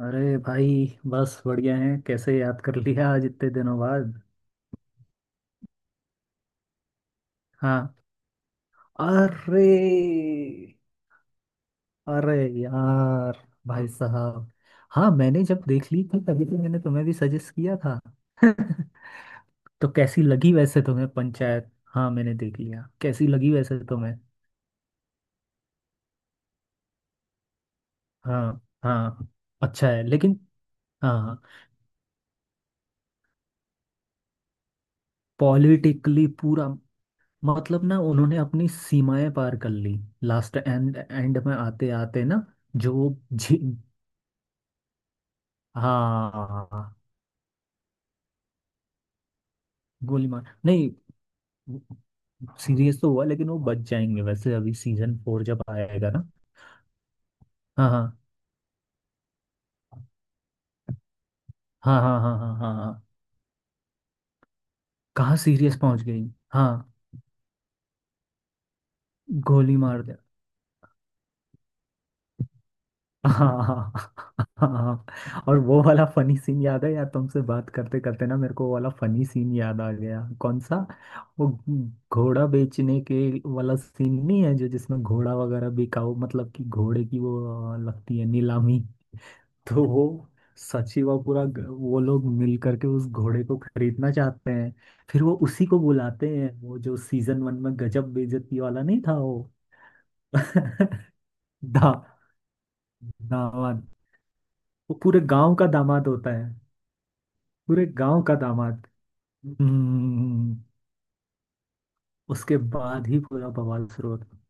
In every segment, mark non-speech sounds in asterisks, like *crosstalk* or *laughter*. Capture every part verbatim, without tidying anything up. अरे भाई, बस बढ़िया है। कैसे याद कर लिया आज इतने दिनों बाद। हाँ। अरे, अरे यार, भाई साहब, हाँ मैंने जब देख ली थी तभी तो मैंने तुम्हें भी सजेस्ट किया था। *laughs* तो कैसी लगी वैसे तुम्हें पंचायत? हाँ मैंने देख लिया। कैसी लगी वैसे तुम्हें? हाँ हाँ, अच्छा है लेकिन। हाँ, पॉलिटिकली पूरा। मतलब ना उन्होंने अपनी सीमाएं पार कर ली लास्ट एंड एंड में आते आते ना। जो, हाँ, गोली मार नहीं। सीरियस तो हुआ लेकिन वो बच जाएंगे वैसे अभी सीजन फोर जब आएगा ना। हाँ हाँ हाँ हाँ हाँ हाँ हाँ हाँ। कहाँ सीरियस पहुंच गई। हाँ, गोली मार दे। *laughs* हाँ हाँ। और वो वाला फनी सीन याद है यार, तुमसे बात करते करते ना मेरे को वो वाला फनी सीन याद आ गया। कौन सा? वो घोड़ा बेचने के वाला सीन नहीं है, जो जिसमें घोड़ा वगैरह बिकाऊ, मतलब कि घोड़े की वो लगती है नीलामी। तो वो सची व पूरा ग- वो लोग मिल करके उस घोड़े को खरीदना चाहते हैं। फिर वो उसी को बुलाते हैं, वो जो सीजन वन में गजब बेइज्जती वाला नहीं था वो। *laughs* दा दामाद, वो पूरे गांव का दामाद होता है। पूरे गांव का दामाद। हम्म, उसके बाद ही पूरा बवाल शुरू होता है।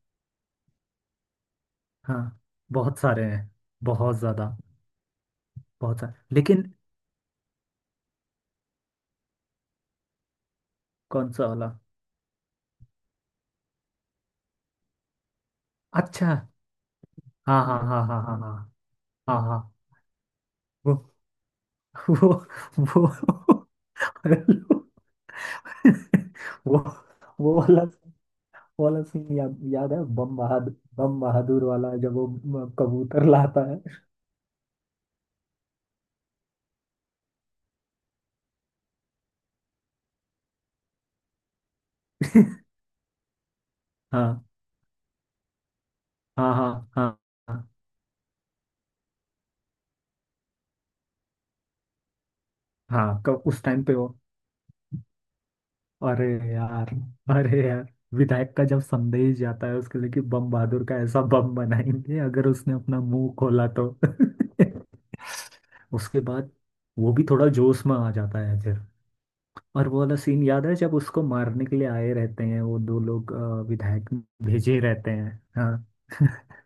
हाँ, बहुत सारे हैं, बहुत ज्यादा। बहुत सारे लेकिन। कौन सा वाला? अच्छा। हाँ हाँ हाँ हाँ हाँ हाँ हाँ हाँ। वो वो अरे लो। वो वो वाला वो वाला सीन याद याद है, बम बहादुर बम बहादुर वाला जब वो म- कबूतर लाता है। *laughs* हाँ हाँ हाँ हाँ हाँ हाँ, कब उस टाइम पे वो। अरे यार, अरे यार, विधायक का जब संदेश जाता है उसके लिए कि बम बहादुर का ऐसा बम बनाएंगे अगर उसने अपना मुंह खोला तो। *laughs* उसके बाद वो भी थोड़ा जोश में आ जाता है। और वो वाला सीन याद है जब उसको मारने के लिए आए रहते हैं वो दो लोग, अ, विधायक भेजे रहते हैं। हाँ। *laughs*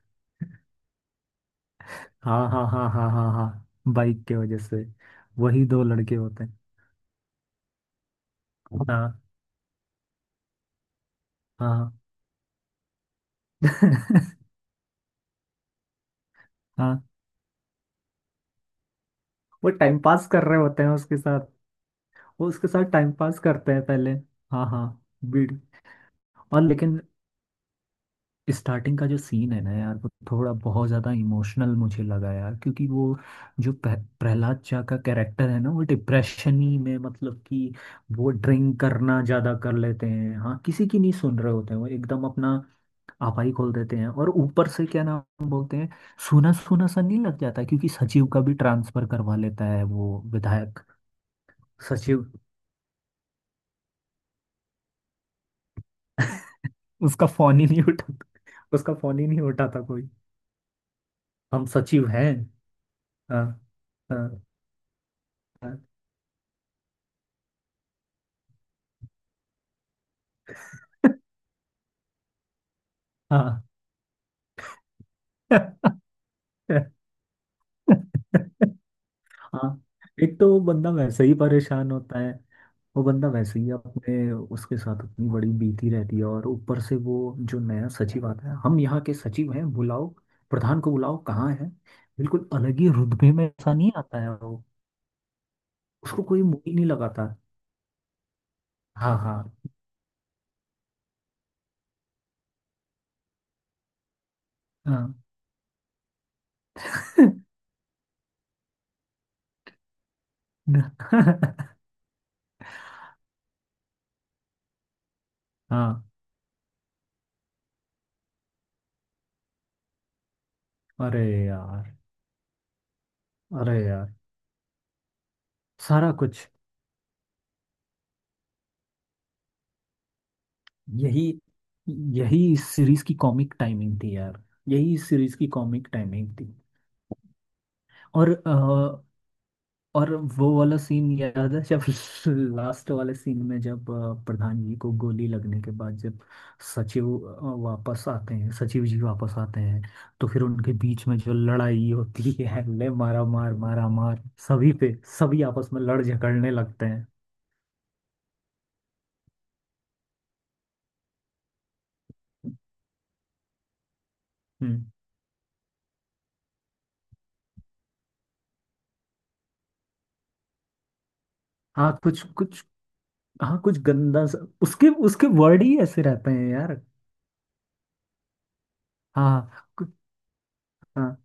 हाँ हाँ हाँ हाँ हाँ हाँ, बाइक के वजह से। वही दो लड़के होते हैं। हाँ हाँ। *laughs* हाँ, वो टाइम पास कर रहे होते हैं उसके साथ। वो उसके साथ टाइम पास करते हैं पहले। हाँ हाँ, बीड़ और लेकिन स्टार्टिंग का जो सीन है ना यार, वो थोड़ा बहुत ज़्यादा इमोशनल मुझे लगा यार, क्योंकि वो जो प्र- प्रहलाद चा का कैरेक्टर है ना, वो डिप्रेशन ही में, मतलब कि वो ड्रिंक करना ज़्यादा कर लेते हैं। हाँ, किसी की नहीं सुन रहे होते हैं, वो एकदम अपना आपा ही खोल देते हैं। और ऊपर से क्या नाम बोलते हैं, सूना सूना सा नहीं लग जाता, क्योंकि सचिव का भी ट्रांसफर करवा लेता है वो विधायक। सचिव उसका फोन ही नहीं उठाता। उसका फोन ही नहीं उठाता कोई। हम सचिव हैं। हाँ हाँ हाँ। *laughs* हाँ। एक तो वो बंदा वैसे ही परेशान होता है। वो बंदा वैसे ही अपने उसके साथ इतनी बड़ी बीती रहती है, और ऊपर से वो जो नया सचिव आता है, हम यहाँ के सचिव हैं, बुलाओ प्रधान को, बुलाओ कहाँ है। बिल्कुल अलग ही रुतबे में ऐसा नहीं आता है वो। उसको कोई मुंह ही नहीं लगाता। हाँ हाँ हाँ। *laughs* हाँ, अरे यार, अरे यार, सारा कुछ। यही, यही इस सीरीज की कॉमिक टाइमिंग थी यार। यही इस सीरीज की कॉमिक टाइमिंग थी। और अ, और वो वाला सीन याद है जब *laughs* लास्ट वाले सीन में, जब अ, प्रधान जी को गोली लगने के बाद, जब सचिव अ, वापस आते हैं, सचिव जी वापस आते हैं, तो फिर उनके बीच में जो लड़ाई होती है, ले मारा मार मारा मार। सभी पे, सभी आपस में लड़ झगड़ने लगते हैं। हम्म। हाँ कुछ कुछ, हाँ कुछ गंदा सा, उसके उसके वर्ड ही ऐसे रहते हैं यार। हाँ हाँ कु- हाँ,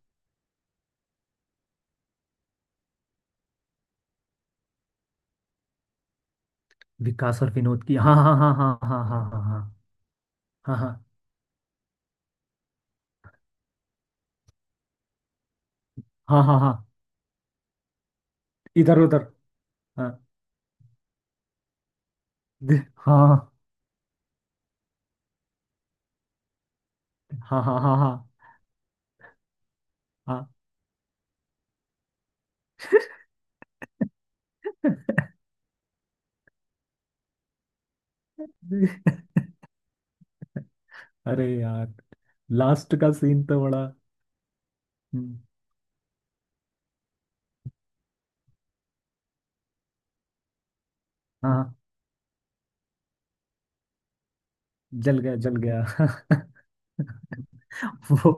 विकास और विनोद की, हाँ हाँ हाँ हाँ हाँ हाँ हाँ हाँ हाँ हाँ हाँ हाँ हाँ, इधर उधर। हाँ, दे- हाँ हाँ हाँ हाँ हाँ हाँ। *laughs* अरे यार, लास्ट का सीन तो बड़ा। हम्म, हाँ हाँ, जल गया जल गया। *laughs* वो,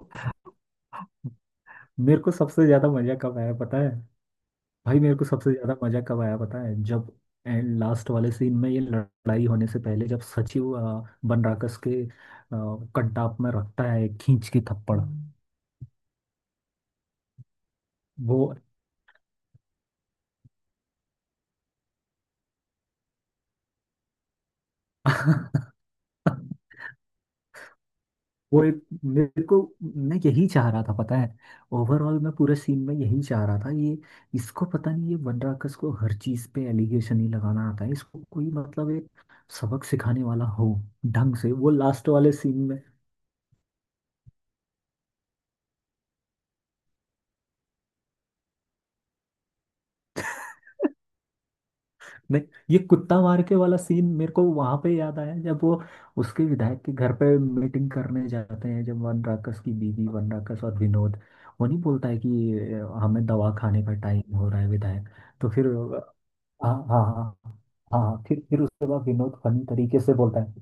मेरे को सबसे ज्यादा मजा कब आया पता है? भाई मेरे को सबसे ज्यादा मजा कब आया पता है, जब एंड लास्ट वाले सीन में, ये लड़ाई होने से पहले, जब सचिव अ, बनराकस के अ, कटाप में रखता है एक खींच के थप्पड़। वो। *laughs* वो एक मेरे को, मैं यही चाह रहा था पता है। ओवरऑल मैं पूरे सीन में यही चाह रहा था ये। इसको, पता नहीं ये बनराकस को हर चीज पे एलिगेशन ही लगाना आता है। इसको कोई मतलब एक सबक सिखाने वाला हो ढंग से वो लास्ट वाले सीन में। नहीं, ये कुत्ता मार के वाला सीन मेरे को वहां पे याद आया जब वो उसके विधायक के घर पे मीटिंग करने जाते हैं, जब वन राकस की बीवी, वन राकस और विनोद वो नहीं बोलता है कि अ, हमें दवा खाने का टाइम हो रहा है विधायक। तो फिर अ, हाँ हाँ हाँ हाँ फिर फिर उसके बाद विनोद फनी तरीके से बोलता है,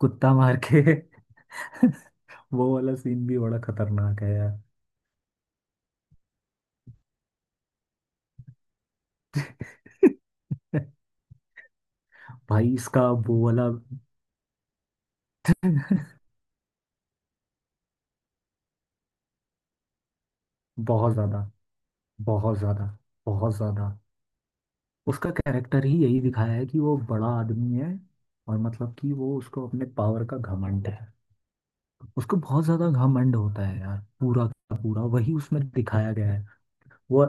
कुत्ता मार के। *laughs* वो वाला सीन भी बड़ा खतरनाक है यार। *laughs* भाई, इसका वो वाला। *laughs* बहुत ज्यादा, बहुत ज्यादा, बहुत ज्यादा। उसका कैरेक्टर ही यही दिखाया है कि वो बड़ा आदमी है, और मतलब कि वो उसको अपने पावर का घमंड है। उसको बहुत ज्यादा घमंड होता है यार, पूरा का पूरा वही उसमें दिखाया गया है। वो,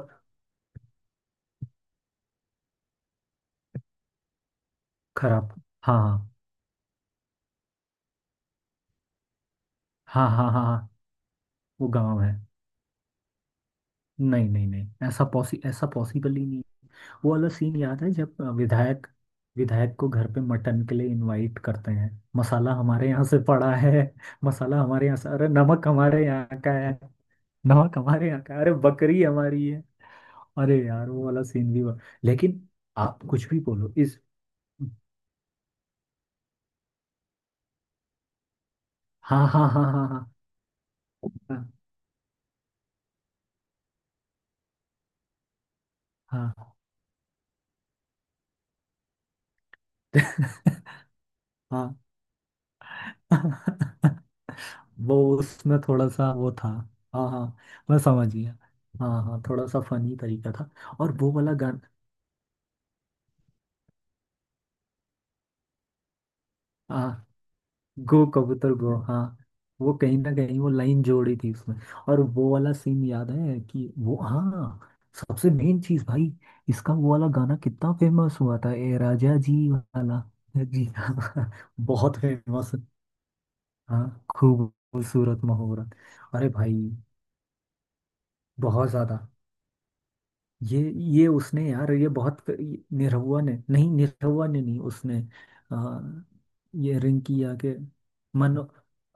खराब, हाँ हाँ हाँ हाँ हाँ हाँ, वो गाँव है। नहीं नहीं नहीं, ऐसा पॉसि, ऐसा पॉसिबल ही नहीं। वो वाला सीन याद है जब विधायक, विधायक को घर पे मटन के लिए इनवाइट करते हैं। मसाला हमारे यहाँ से पड़ा है। मसाला हमारे यहाँ से, अरे नमक हमारे यहाँ का है। नमक हमारे यहाँ का है, अरे बकरी हमारी है। अरे यार वो वाला सीन भी हुआ, लेकिन आप कुछ भी बोलो इस। हाँ हाँ हाँ हाँ हाँ हाँ हाँ हाँ। *laughs* वो उसमें थोड़ा सा वो था। हाँ हाँ, मैं समझ गया। हाँ हाँ, थोड़ा सा फनी तरीका था। और वो वाला गाना, गो कबूतर गो। हाँ, वो कहीं ना कहीं वो लाइन जोड़ी थी उसमें। और वो वाला सीन याद है कि वो, हाँ सबसे मेन चीज भाई, इसका वो वाला गाना कितना फेमस हुआ था, ए राजा जी वाला। जी हाँ। *laughs* बहुत फेमस। हाँ, खूबसूरत मुहूर्त। अरे भाई, बहुत ज्यादा। ये ये उसने यार, ये बहुत, निरहुआ ने नहीं, निरहुआ ने नहीं, उसने आ, ये रिंकी आके, मनो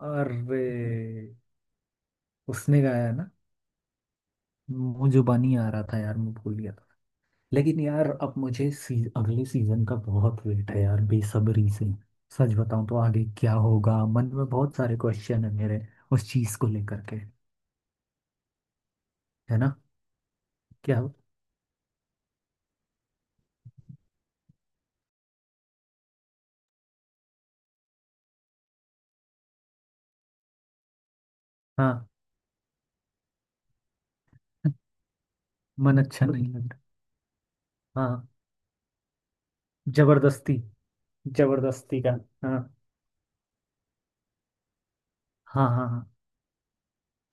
अरे उसने गाया है ना। मुंह जुबानी आ रहा था यार, मैं भूल गया था। लेकिन यार अब मुझे सी, अगले सीजन का बहुत वेट है यार, बेसब्री से। सच बताऊं तो आगे क्या होगा मन में बहुत सारे क्वेश्चन है मेरे उस चीज को लेकर के, है ना। क्या हो, हाँ मन अच्छा नहीं लग रहा। हाँ, जबरदस्ती, जबरदस्ती का। हाँ हाँ हाँ, हाँ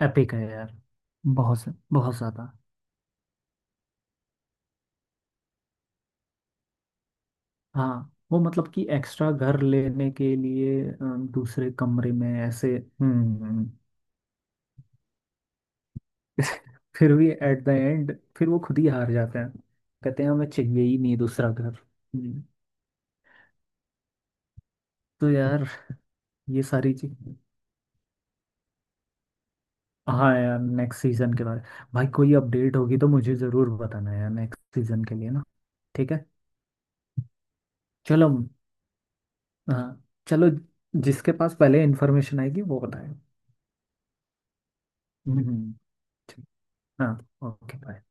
एपिक है यार, बहुत से- बहुत ज्यादा। हाँ, वो मतलब कि एक्स्ट्रा घर लेने के लिए अ, दूसरे कमरे में ऐसे। हम्म हम्म, *laughs* फिर भी एट द एंड फिर वो खुद ही हार जाते हैं। कहते हैं हमें चाहिए ही नहीं दूसरा घर। हम्म, तो यार ये सारी चीज। हाँ यार, नेक्स्ट सीजन के बारे भाई कोई अपडेट होगी तो मुझे जरूर बताना यार, नेक्स्ट सीजन के लिए ना। ठीक है, चलो। हाँ, चलो। जिसके पास पहले इन्फॉर्मेशन आएगी वो बताए। हम्म हम्म, ठीक। हाँ, ओके बाय।